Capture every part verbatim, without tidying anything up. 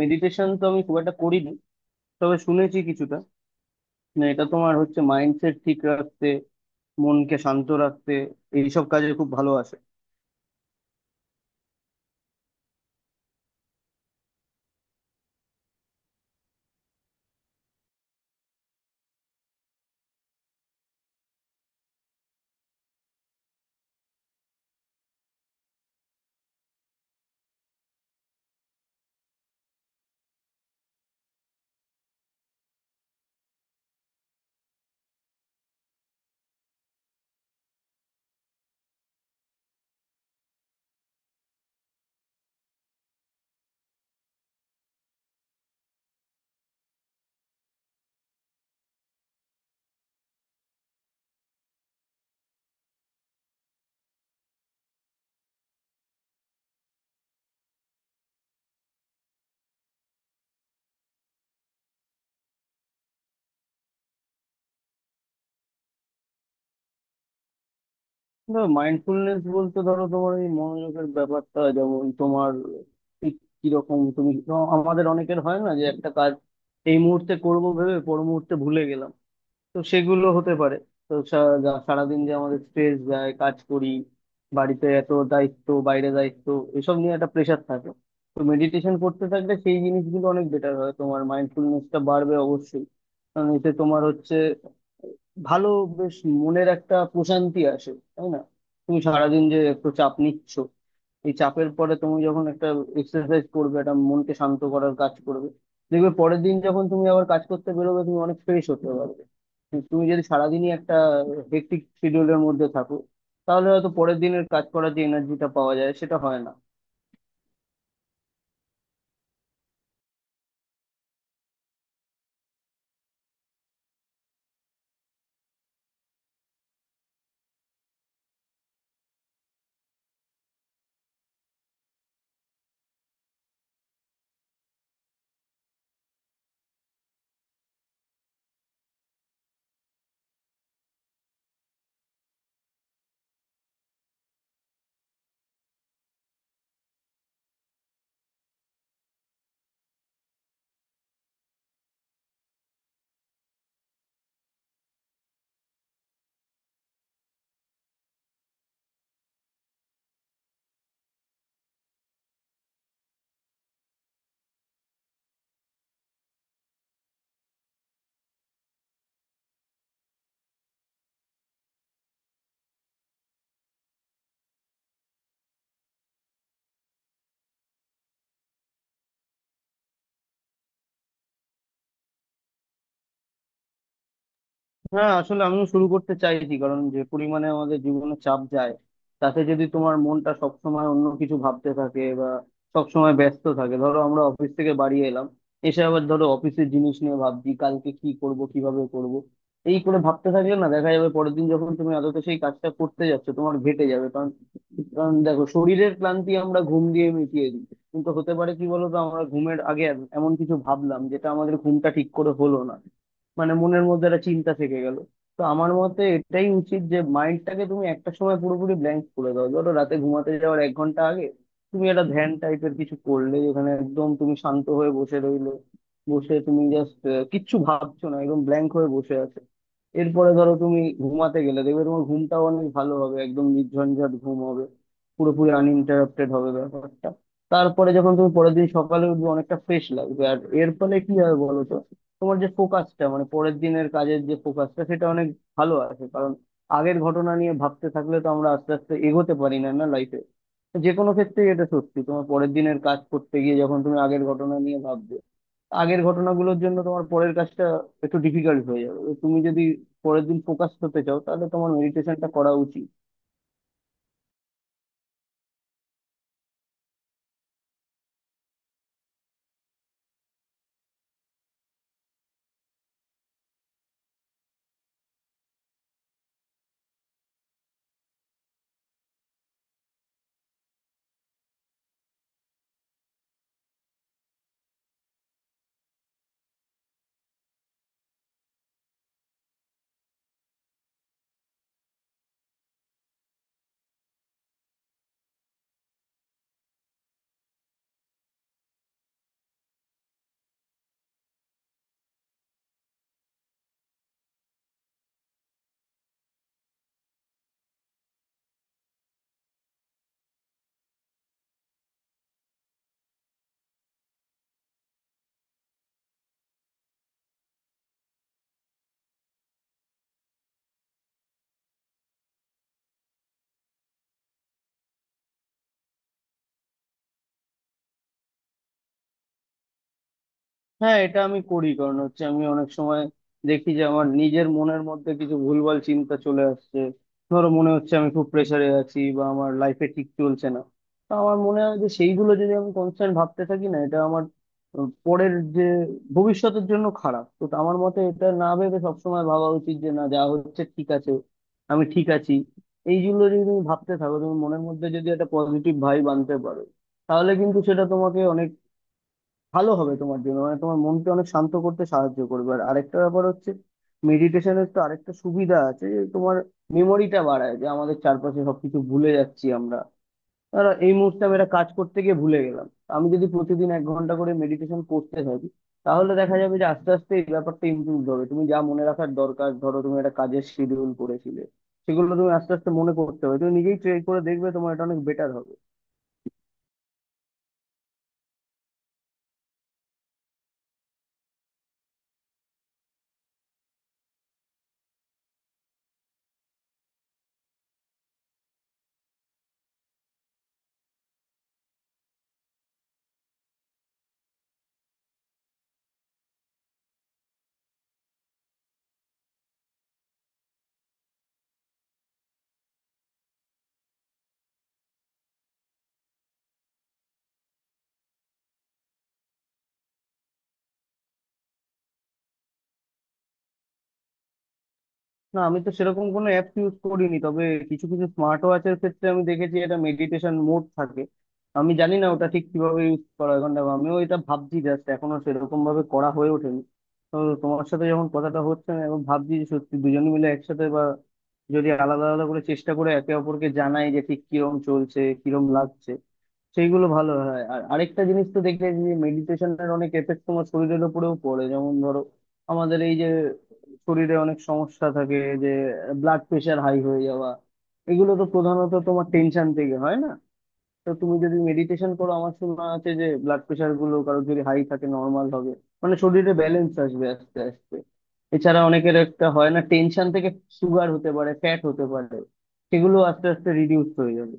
Meditation তো আমি খুব একটা করিনি, তবে শুনেছি কিছুটা। না, এটা তোমার হচ্ছে মাইন্ডসেট ঠিক রাখতে, মনকে শান্ত রাখতে এইসব কাজে খুব ভালো আসে। মাইন্ডফুলনেস বলতে ধরো তোমার এই মনোযোগের ব্যাপারটা, যেমন তোমার ঠিক কিরকম তুমি আমাদের অনেকের হয় না যে একটা কাজ এই মুহূর্তে করব ভেবে পর মুহূর্তে ভুলে গেলাম। তো সেগুলো হতে পারে। তো সা- যা- সারাদিন যে আমাদের স্ট্রেস যায়, কাজ করি, বাড়িতে এত দায়িত্ব, বাইরে দায়িত্ব, এসব নিয়ে একটা প্রেশার থাকে। তো মেডিটেশন করতে থাকলে সেই জিনিসগুলো অনেক বেটার হয়, তোমার মাইন্ডফুলনেসটা বাড়বে অবশ্যই। কারণ এতে তোমার হচ্ছে ভালো, বেশ মনের একটা প্রশান্তি আসে, তাই না? তুমি সারাদিন যে এত চাপ নিচ্ছ, এই চাপের পরে তুমি যখন একটা এক্সারসাইজ করবে, একটা মনকে শান্ত করার কাজ করবে, দেখবে পরের দিন যখন তুমি আবার কাজ করতে বেরোবে তুমি অনেক ফ্রেশ হতে পারবে। কিন্তু তুমি যদি সারাদিনই একটা হেক্টিক শিডিউলের মধ্যে থাকো, তাহলে হয়তো পরের দিনের কাজ করার যে এনার্জিটা পাওয়া যায় সেটা হয় না। হ্যাঁ, আসলে আমিও শুরু করতে চাইছি, কারণ যে পরিমাণে আমাদের জীবনে চাপ যায়, তাতে যদি তোমার মনটা সব সময় অন্য কিছু ভাবতে থাকে বা সব সময় ব্যস্ত থাকে, ধরো আমরা অফিস থেকে বাড়ি এলাম, এসে আবার ধরো অফিসের জিনিস নিয়ে ভাবছি কালকে কি করব, কিভাবে করব, এই করে ভাবতে থাকলে না দেখা যাবে পরের দিন যখন তুমি আদতে সেই কাজটা করতে যাচ্ছ তোমার ঘেটে যাবে। কারণ কারণ দেখো, শরীরের ক্লান্তি আমরা ঘুম দিয়ে মিটিয়ে দিই, কিন্তু হতে পারে কি বলতো আমরা ঘুমের আগে এমন কিছু ভাবলাম যেটা আমাদের ঘুমটা ঠিক করে হলো না, মানে মনের মধ্যে একটা চিন্তা থেকে গেল। তো আমার মতে এটাই উচিত যে মাইন্ডটাকে তুমি একটা সময় পুরোপুরি ব্ল্যাঙ্ক করে দাও। ধরো রাতে ঘুমাতে যাওয়ার এক ঘন্টা আগে তুমি একটা ধ্যান টাইপের কিছু করলে, যেখানে একদম তুমি শান্ত হয়ে বসে রইলে, বসে তুমি জাস্ট কিচ্ছু ভাবছো না, একদম ব্ল্যাঙ্ক হয়ে বসে আছো। এরপরে ধরো তুমি ঘুমাতে গেলে দেখবে তোমার ঘুমটাও অনেক ভালো হবে, একদম নির্ঝঞ্ঝাট ঘুম হবে, পুরোপুরি আনইন্টারাপ্টেড হবে ব্যাপারটা। তারপরে যখন তুমি পরের দিন সকালে উঠবে অনেকটা ফ্রেশ লাগবে, আর এর ফলে কি হবে বলো তো, তোমার যে ফোকাসটা, মানে পরের দিনের কাজের যে ফোকাসটা সেটা অনেক ভালো আছে। কারণ আগের ঘটনা নিয়ে ভাবতে থাকলে তো আমরা আস্তে আস্তে এগোতে পারি না না লাইফে, যে কোনো ক্ষেত্রেই এটা সত্যি। তোমার পরের দিনের কাজ করতে গিয়ে যখন তুমি আগের ঘটনা নিয়ে ভাববে, আগের ঘটনাগুলোর জন্য তোমার পরের কাজটা একটু ডিফিকাল্ট হয়ে যাবে। তো তুমি যদি পরের দিন ফোকাস হতে চাও, তাহলে তোমার মেডিটেশনটা করা উচিত। হ্যাঁ, এটা আমি করি, কারণ হচ্ছে আমি অনেক সময় দেখি যে আমার নিজের মনের মধ্যে কিছু ভুলভাল চিন্তা চলে আসছে, ধরো মনে হচ্ছে আমি খুব প্রেসারে আছি বা আমার লাইফে ঠিক চলছে না। তো আমার মনে হয় যে সেইগুলো যদি আমি কনস্ট্যান্ট ভাবতে থাকি না, এটা আমার আহ, পরের যে ভবিষ্যতের জন্য খারাপ। তো আমার মতে এটা না ভেবে সবসময় ভাবা উচিত যে না, যা হচ্ছে ঠিক আছে, আমি ঠিক আছি। এইগুলো যদি তুমি ভাবতে থাকো, তুমি মনের মধ্যে যদি একটা পজিটিভ ভাইব আনতে পারো, তাহলে কিন্তু সেটা তোমাকে অনেক ভালো হবে তোমার জন্য, মানে তোমার মনকে অনেক শান্ত করতে সাহায্য করবে। আর আরেকটা ব্যাপার হচ্ছে, মেডিটেশনের তো আরেকটা সুবিধা আছে যে তোমার মেমোরিটা বাড়ায়, যে আমাদের চারপাশে সবকিছু ভুলে যাচ্ছি আমরা, আর এই মুহূর্তে আমি একটা কাজ করতে গিয়ে ভুলে গেলাম। আমি যদি প্রতিদিন এক ঘন্টা করে মেডিটেশন করতে থাকি, তাহলে দেখা যাবে যে আস্তে আস্তে এই ব্যাপারটা ইমপ্রুভ হবে। তুমি যা মনে রাখার দরকার, ধরো তুমি একটা কাজের শিডিউল করেছিলে, সেগুলো তুমি আস্তে আস্তে মনে করতে হবে। তুমি নিজেই ট্রাই করে দেখবে তোমার এটা অনেক বেটার হবে। না, আমি তো সেরকম কোনো অ্যাপ ইউজ করিনি, তবে কিছু কিছু স্মার্ট ওয়াচের ক্ষেত্রে আমি দেখেছি এটা মেডিটেশন মোড থাকে। আমি জানি না ওটা ঠিক কিভাবে ইউজ করা হয়, কারণ দেখো, আমিও এটা ভাবছি, জাস্ট এখনো সেরকম ভাবে করা হয়ে ওঠেনি। তো তোমার সাথে যখন কথাটা হচ্ছে আমি এখন ভাবছি যে সত্যি দুজনে মিলে একসাথে, বা যদি আলাদা আলাদা করে চেষ্টা করে একে অপরকে জানাই যে ঠিক কিরম চলছে, কিরম লাগছে, সেইগুলো ভালো হয়। আর আরেকটা জিনিস তো দেখলে, যে মেডিটেশনের অনেক এফেক্ট তোমার শরীরের উপরেও পড়ে। যেমন ধরো আমাদের এই যে শরীরে অনেক সমস্যা থাকে, যে ব্লাড প্রেশার হাই হয়ে যাওয়া, এগুলো তো প্রধানত তোমার টেনশন থেকে হয় না? তো তুমি যদি মেডিটেশন করো, আমার শোনা আছে যে ব্লাড প্রেশার গুলো কারো যদি হাই থাকে নর্মাল হবে, মানে শরীরে ব্যালেন্স আসবে আস্তে আস্তে। এছাড়া অনেকের একটা হয় না, টেনশন থেকে সুগার হতে পারে, ফ্যাট হতে পারে, সেগুলো আস্তে আস্তে রিডিউস হয়ে যাবে।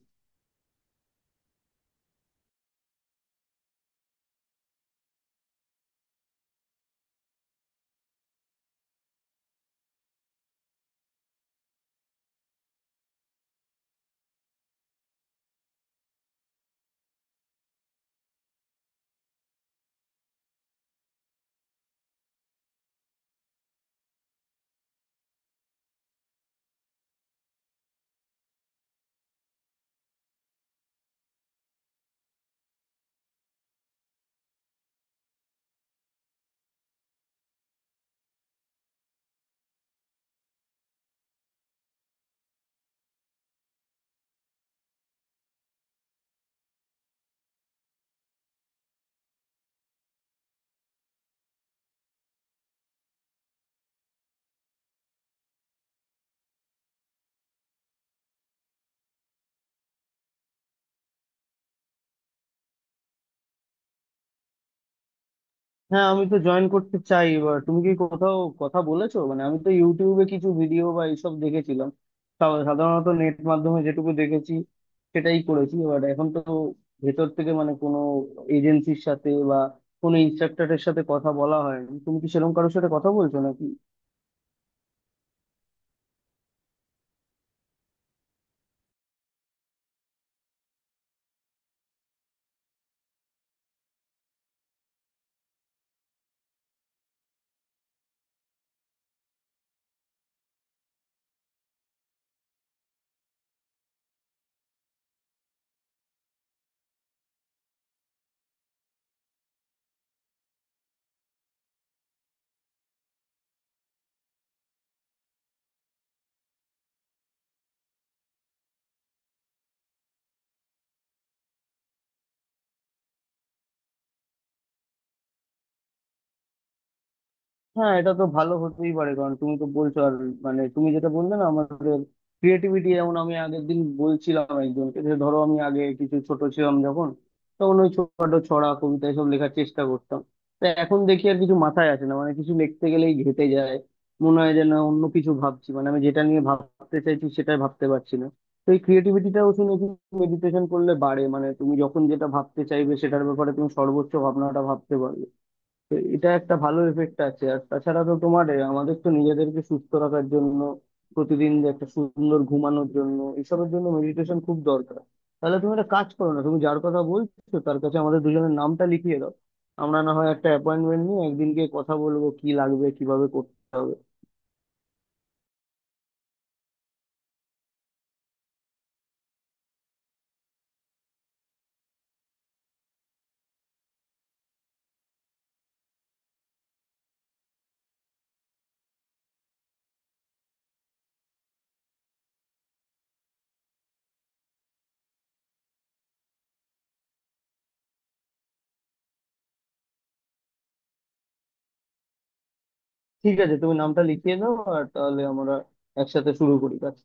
হ্যাঁ, আমি তো জয়েন করতে চাই। এবার তুমি কি কোথাও কথা বলেছো? মানে আমি তো ইউটিউবে কিছু ভিডিও বা এইসব দেখেছিলাম, তাও সাধারণত নেট মাধ্যমে যেটুকু দেখেছি সেটাই করেছি। এবার এখন তো ভেতর থেকে মানে কোনো এজেন্সির সাথে বা কোনো ইনস্ট্রাক্টরের সাথে কথা বলা হয়নি, তুমি কি সেরকম কারোর সাথে কথা বলছো নাকি? হ্যাঁ, এটা তো ভালো হতেই পারে, কারণ তুমি তো বলছো। আর মানে তুমি যেটা বললে না, আমাদের ক্রিয়েটিভিটি, যেমন আমি আগের দিন বলছিলাম একজনকে যে ধরো আমি আগে কিছু ছোট ছিলাম যখন, তখন ওই ছোটখাটো ছড়া কবিতা এসব লেখার চেষ্টা করতাম। তো এখন দেখি আর কিছু মাথায় আসে না, মানে কিছু লিখতে গেলেই ঘেঁটে যায়। মনে হয় যে না, অন্য কিছু ভাবছি, মানে আমি যেটা নিয়ে ভাবতে চাইছি সেটাই ভাবতে পারছি না। তো এই ক্রিয়েটিভিটিটাও শুনেছি মেডিটেশন করলে বাড়ে, মানে তুমি যখন যেটা ভাবতে চাইবে সেটার ব্যাপারে তুমি সর্বোচ্চ ভাবনাটা ভাবতে পারবে। তো এটা একটা ভালো এফেক্ট আছে। আর তাছাড়া তো তোমার এ, আমাদের তো নিজেদেরকে সুস্থ রাখার জন্য, প্রতিদিন যে একটা সুন্দর ঘুমানোর জন্য, এসবের জন্য মেডিটেশন খুব দরকার। তাহলে তুমি একটা কাজ করো না, তুমি যার কথা বলছো তার কাছে আমাদের দুজনের নামটা লিখিয়ে দাও, আমরা না হয় একটা অ্যাপয়েন্টমেন্ট নিয়ে একদিন গিয়ে কথা বলবো কি লাগবে কিভাবে করতে হবে। ঠিক আছে, তুমি নামটা লিখিয়ে দাও আর তাহলে আমরা একসাথে শুরু করি কাজ।